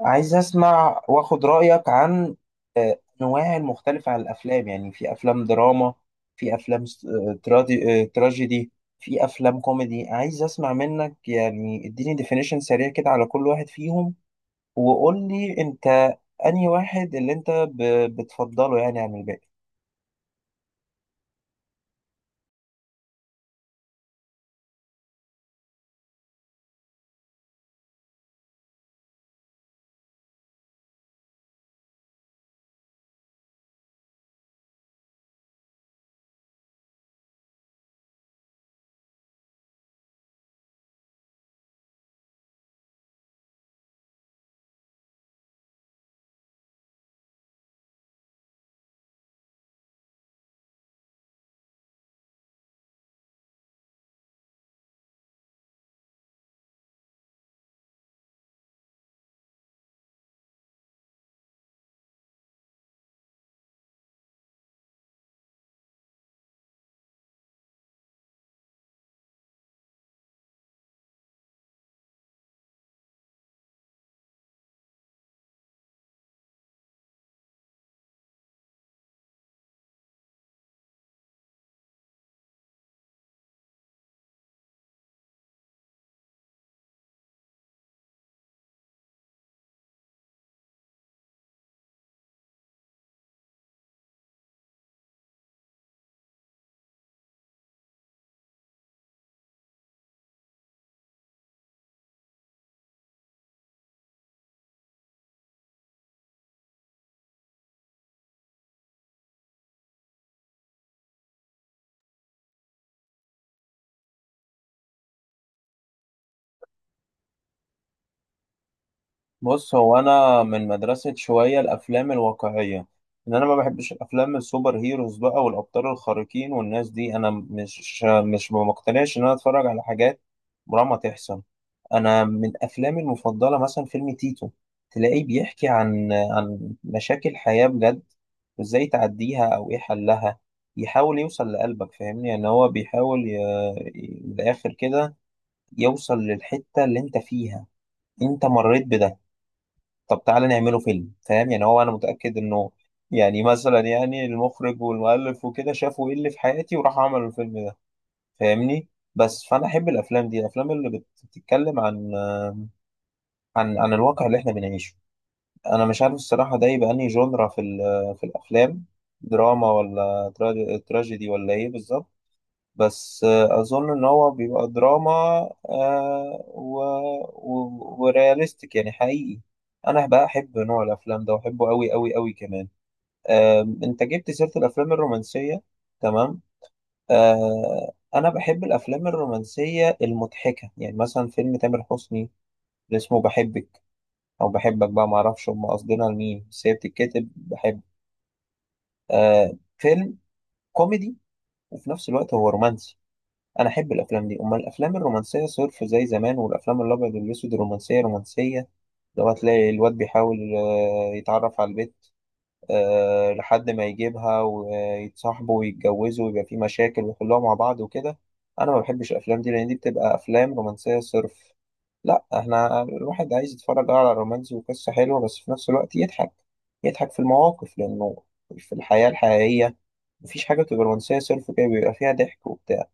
عايز اسمع واخد رأيك عن انواع المختلفة عن الافلام، يعني في افلام دراما، في افلام تراجيدي، في افلام كوميدي. عايز اسمع منك، يعني اديني ديفينيشن سريع كده على كل واحد فيهم وقول لي انت انهي واحد اللي انت بتفضله يعني عن الباقي. بص، هو انا من مدرسة شوية الافلام الواقعية، ان انا ما بحبش الافلام السوبر هيروز بقى والابطال الخارقين والناس دي. انا مش مش ما مقتنعش ان انا اتفرج على حاجات عمرها ما تحصل. انا من افلامي المفضلة مثلا فيلم تيتو، تلاقيه بيحكي عن مشاكل حياة بجد، وازاي تعديها او ايه حلها. يحاول يوصل لقلبك، فاهمني؟ يعني هو من الاخر كده يوصل للحتة اللي انت فيها، انت مريت بده. طب تعالى نعمله فيلم، فاهم؟ يعني هو انا متأكد انه يعني مثلا، يعني المخرج والمؤلف وكده شافوا ايه اللي في حياتي وراح عملوا الفيلم ده، فاهمني؟ بس فانا احب الافلام دي، الافلام اللي بتتكلم عن عن الواقع اللي احنا بنعيشه. انا مش عارف الصراحة ده يبقى انهي جونرا في الافلام، دراما ولا تراجيدي ولا ايه بالظبط؟ بس اظن ان هو بيبقى دراما آه، و... و ورياليستيك، يعني حقيقي. انا بقى احب نوع الافلام ده واحبه قوي قوي قوي كمان. انت جبت سيرة الافلام الرومانسية، تمام. انا بحب الافلام الرومانسية المضحكة، يعني مثلا فيلم تامر حسني اللي اسمه بحبك او بحبك، بقى معرفش هم قاصدينها لمين، بس هي بتتكتب بحب. فيلم كوميدي وفي نفس الوقت هو رومانسي. انا احب الافلام دي، امال الافلام الرومانسيه صرف زي زمان والافلام الابيض والاسود، الرومانسيه رومانسيه. لو هتلاقي الواد بيحاول يتعرف على البنت لحد ما يجيبها ويتصاحبوا ويتجوزوا ويبقى في مشاكل ويحلوها مع بعض وكده. انا ما بحبش الافلام دي لان دي بتبقى افلام رومانسيه صرف. لا، احنا الواحد عايز يتفرج على رومانسي وقصه حلوه بس في نفس الوقت يضحك، يضحك في المواقف، لانه في الحياه الحقيقيه مفيش حاجه بتبقى رومانسيه صرف كده، بيبقى فيها ضحك وبتاع.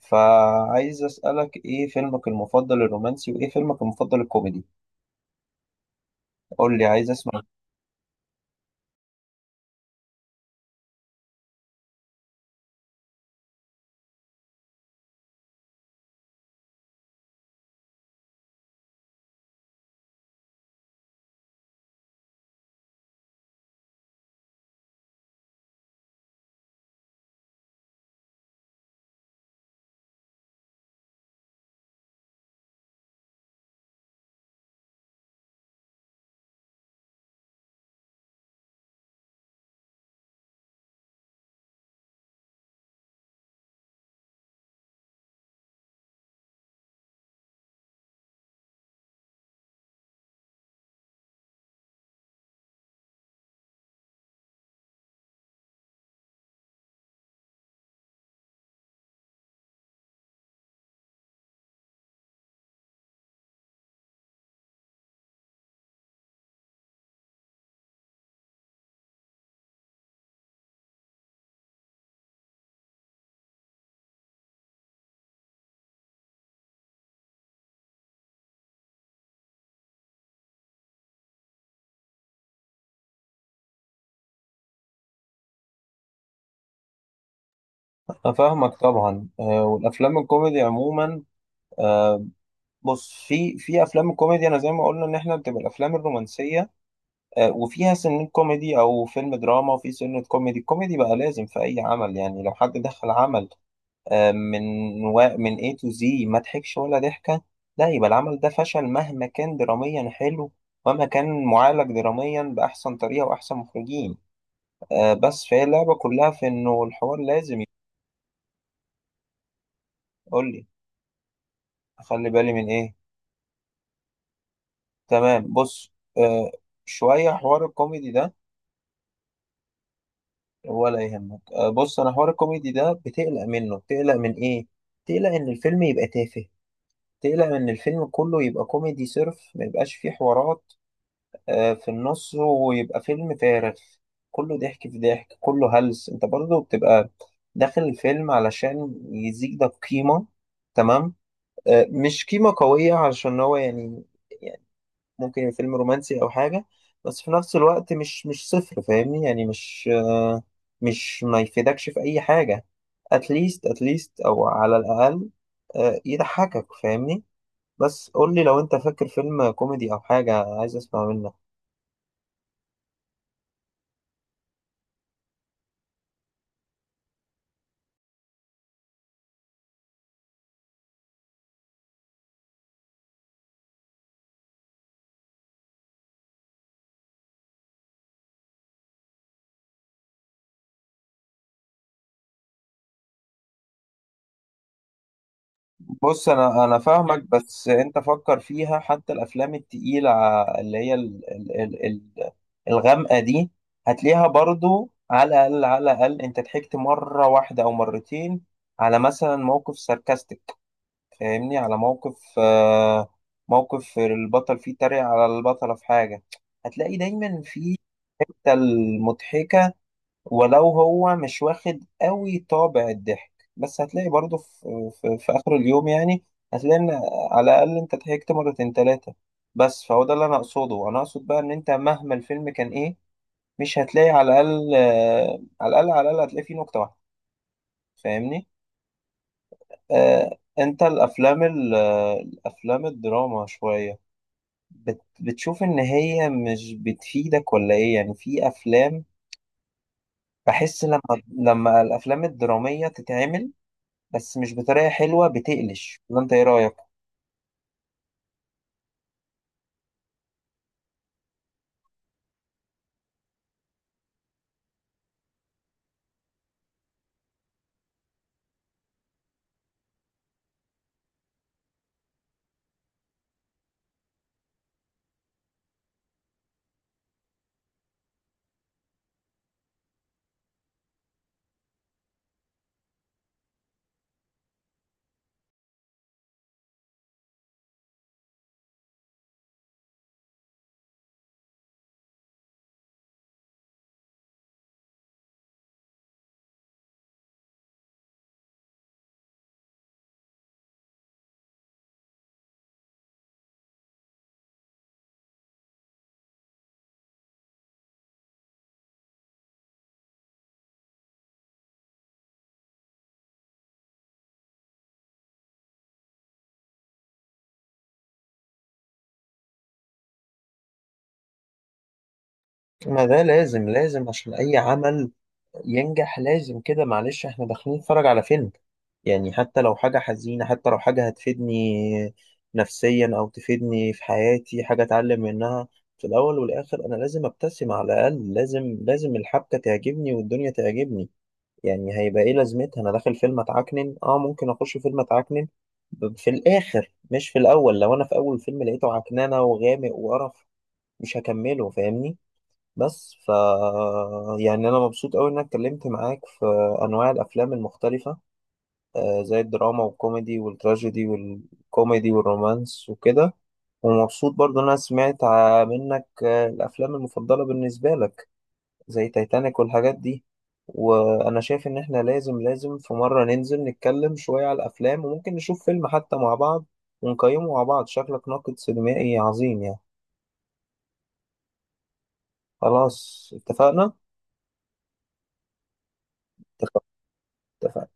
فعايز أسألك إيه فيلمك المفضل الرومانسي وإيه فيلمك المفضل الكوميدي؟ قول لي، عايز أسمع. أنا فاهمك طبعا. والأفلام الكوميدي عموما، آه، بص، في أفلام الكوميدي أنا زي ما قلنا إن إحنا بتبقى الأفلام الرومانسية وفيها سنة كوميدي، أو فيلم دراما وفي سنة كوميدي. الكوميدي بقى لازم في أي عمل. يعني لو حد دخل عمل آه، من من A to Z ما ضحكش ولا ضحكة، لا يبقى العمل ده فشل مهما كان دراميا حلو، ومهما كان معالج دراميا بأحسن طريقة وأحسن مخرجين. بس فهي اللعبة كلها في إنه الحوار لازم يقول لي. أخلي بالي من إيه؟ تمام، بص. آه، شوية حوار الكوميدي ده، ولا يهمك. بص، أنا حوار الكوميدي ده بتقلق منه. بتقلق من إيه؟ بتقلق إن الفيلم يبقى تافه، تقلق إن الفيلم كله يبقى كوميدي صرف ما يبقاش فيه حوارات في النص، ويبقى فيلم فارغ كله ضحك في ضحك كله هلس. انت برضه بتبقى داخل الفيلم علشان يزيد ده قيمة، تمام؟ مش قيمة قوية علشان هو يعني، يعني ممكن يبقى فيلم رومانسي أو حاجة، بس في نفس الوقت مش مش صفر، فاهمني؟ يعني مش ما يفيدكش في أي حاجة. اتليست، اتليست أو على الأقل يضحكك، فاهمني؟ بس قولي لو انت فاكر فيلم كوميدي أو حاجة، عايز أسمع منك. بص، انا فاهمك، بس انت فكر فيها. حتى الافلام التقيله اللي هي ال ال ال ال الغامقه دي، هتلاقيها برضو على الاقل، على الاقل انت ضحكت مره واحده او مرتين على مثلا موقف ساركاستيك، فاهمني؟ على موقف موقف البطل فيه تريق على البطله في حاجه. هتلاقي دايما في الحتة المضحكه، ولو هو مش واخد قوي طابع الضحك بس هتلاقي برضه في آخر اليوم يعني، هتلاقي إن على الأقل أنت ضحكت مرتين تلاتة. بس فهو ده اللي أنا أقصده. أنا أقصد بقى إن أنت مهما الفيلم كان إيه مش هتلاقي على الأقل على الأقل على الأقل هتلاقي فيه نكتة واحدة، فاهمني؟ أنت الأفلام الأفلام الدراما شوية، بتشوف إن هي مش بتفيدك ولا إيه؟ يعني في أفلام بحس لما الأفلام الدرامية تتعمل بس مش بطريقة حلوة بتقلش، ولا انت ايه رأيك؟ ما ده لازم، لازم عشان أي عمل ينجح لازم كده. معلش، احنا داخلين نتفرج على فيلم، يعني حتى لو حاجة حزينة، حتى لو حاجة هتفيدني نفسيا أو تفيدني في حياتي، حاجة أتعلم منها، في الأول والآخر أنا لازم أبتسم على الأقل. لازم لازم الحبكة تعجبني والدنيا تعجبني. يعني هيبقى ايه لازمتها انا داخل فيلم اتعكنن؟ اه ممكن اخش فيلم اتعكنن في الاخر مش في الاول. لو انا في اول فيلم لقيته عكننه وغامق وقرف مش هكمله، فاهمني؟ بس ف يعني انا مبسوط قوي انك اتكلمت معاك في انواع الافلام المختلفه زي الدراما والكوميدي والتراجيدي والكوميدي والرومانس وكده. ومبسوط برضه إن انا سمعت منك الافلام المفضله بالنسبه لك زي تايتانيك والحاجات دي. وانا شايف ان احنا لازم لازم في مرة ننزل نتكلم شوية على الافلام، وممكن نشوف فيلم حتى مع بعض ونقيمه مع بعض. شكلك ناقد سينمائي عظيم يعني. خلاص، اتفقنا. اتفقنا. اتفقنا.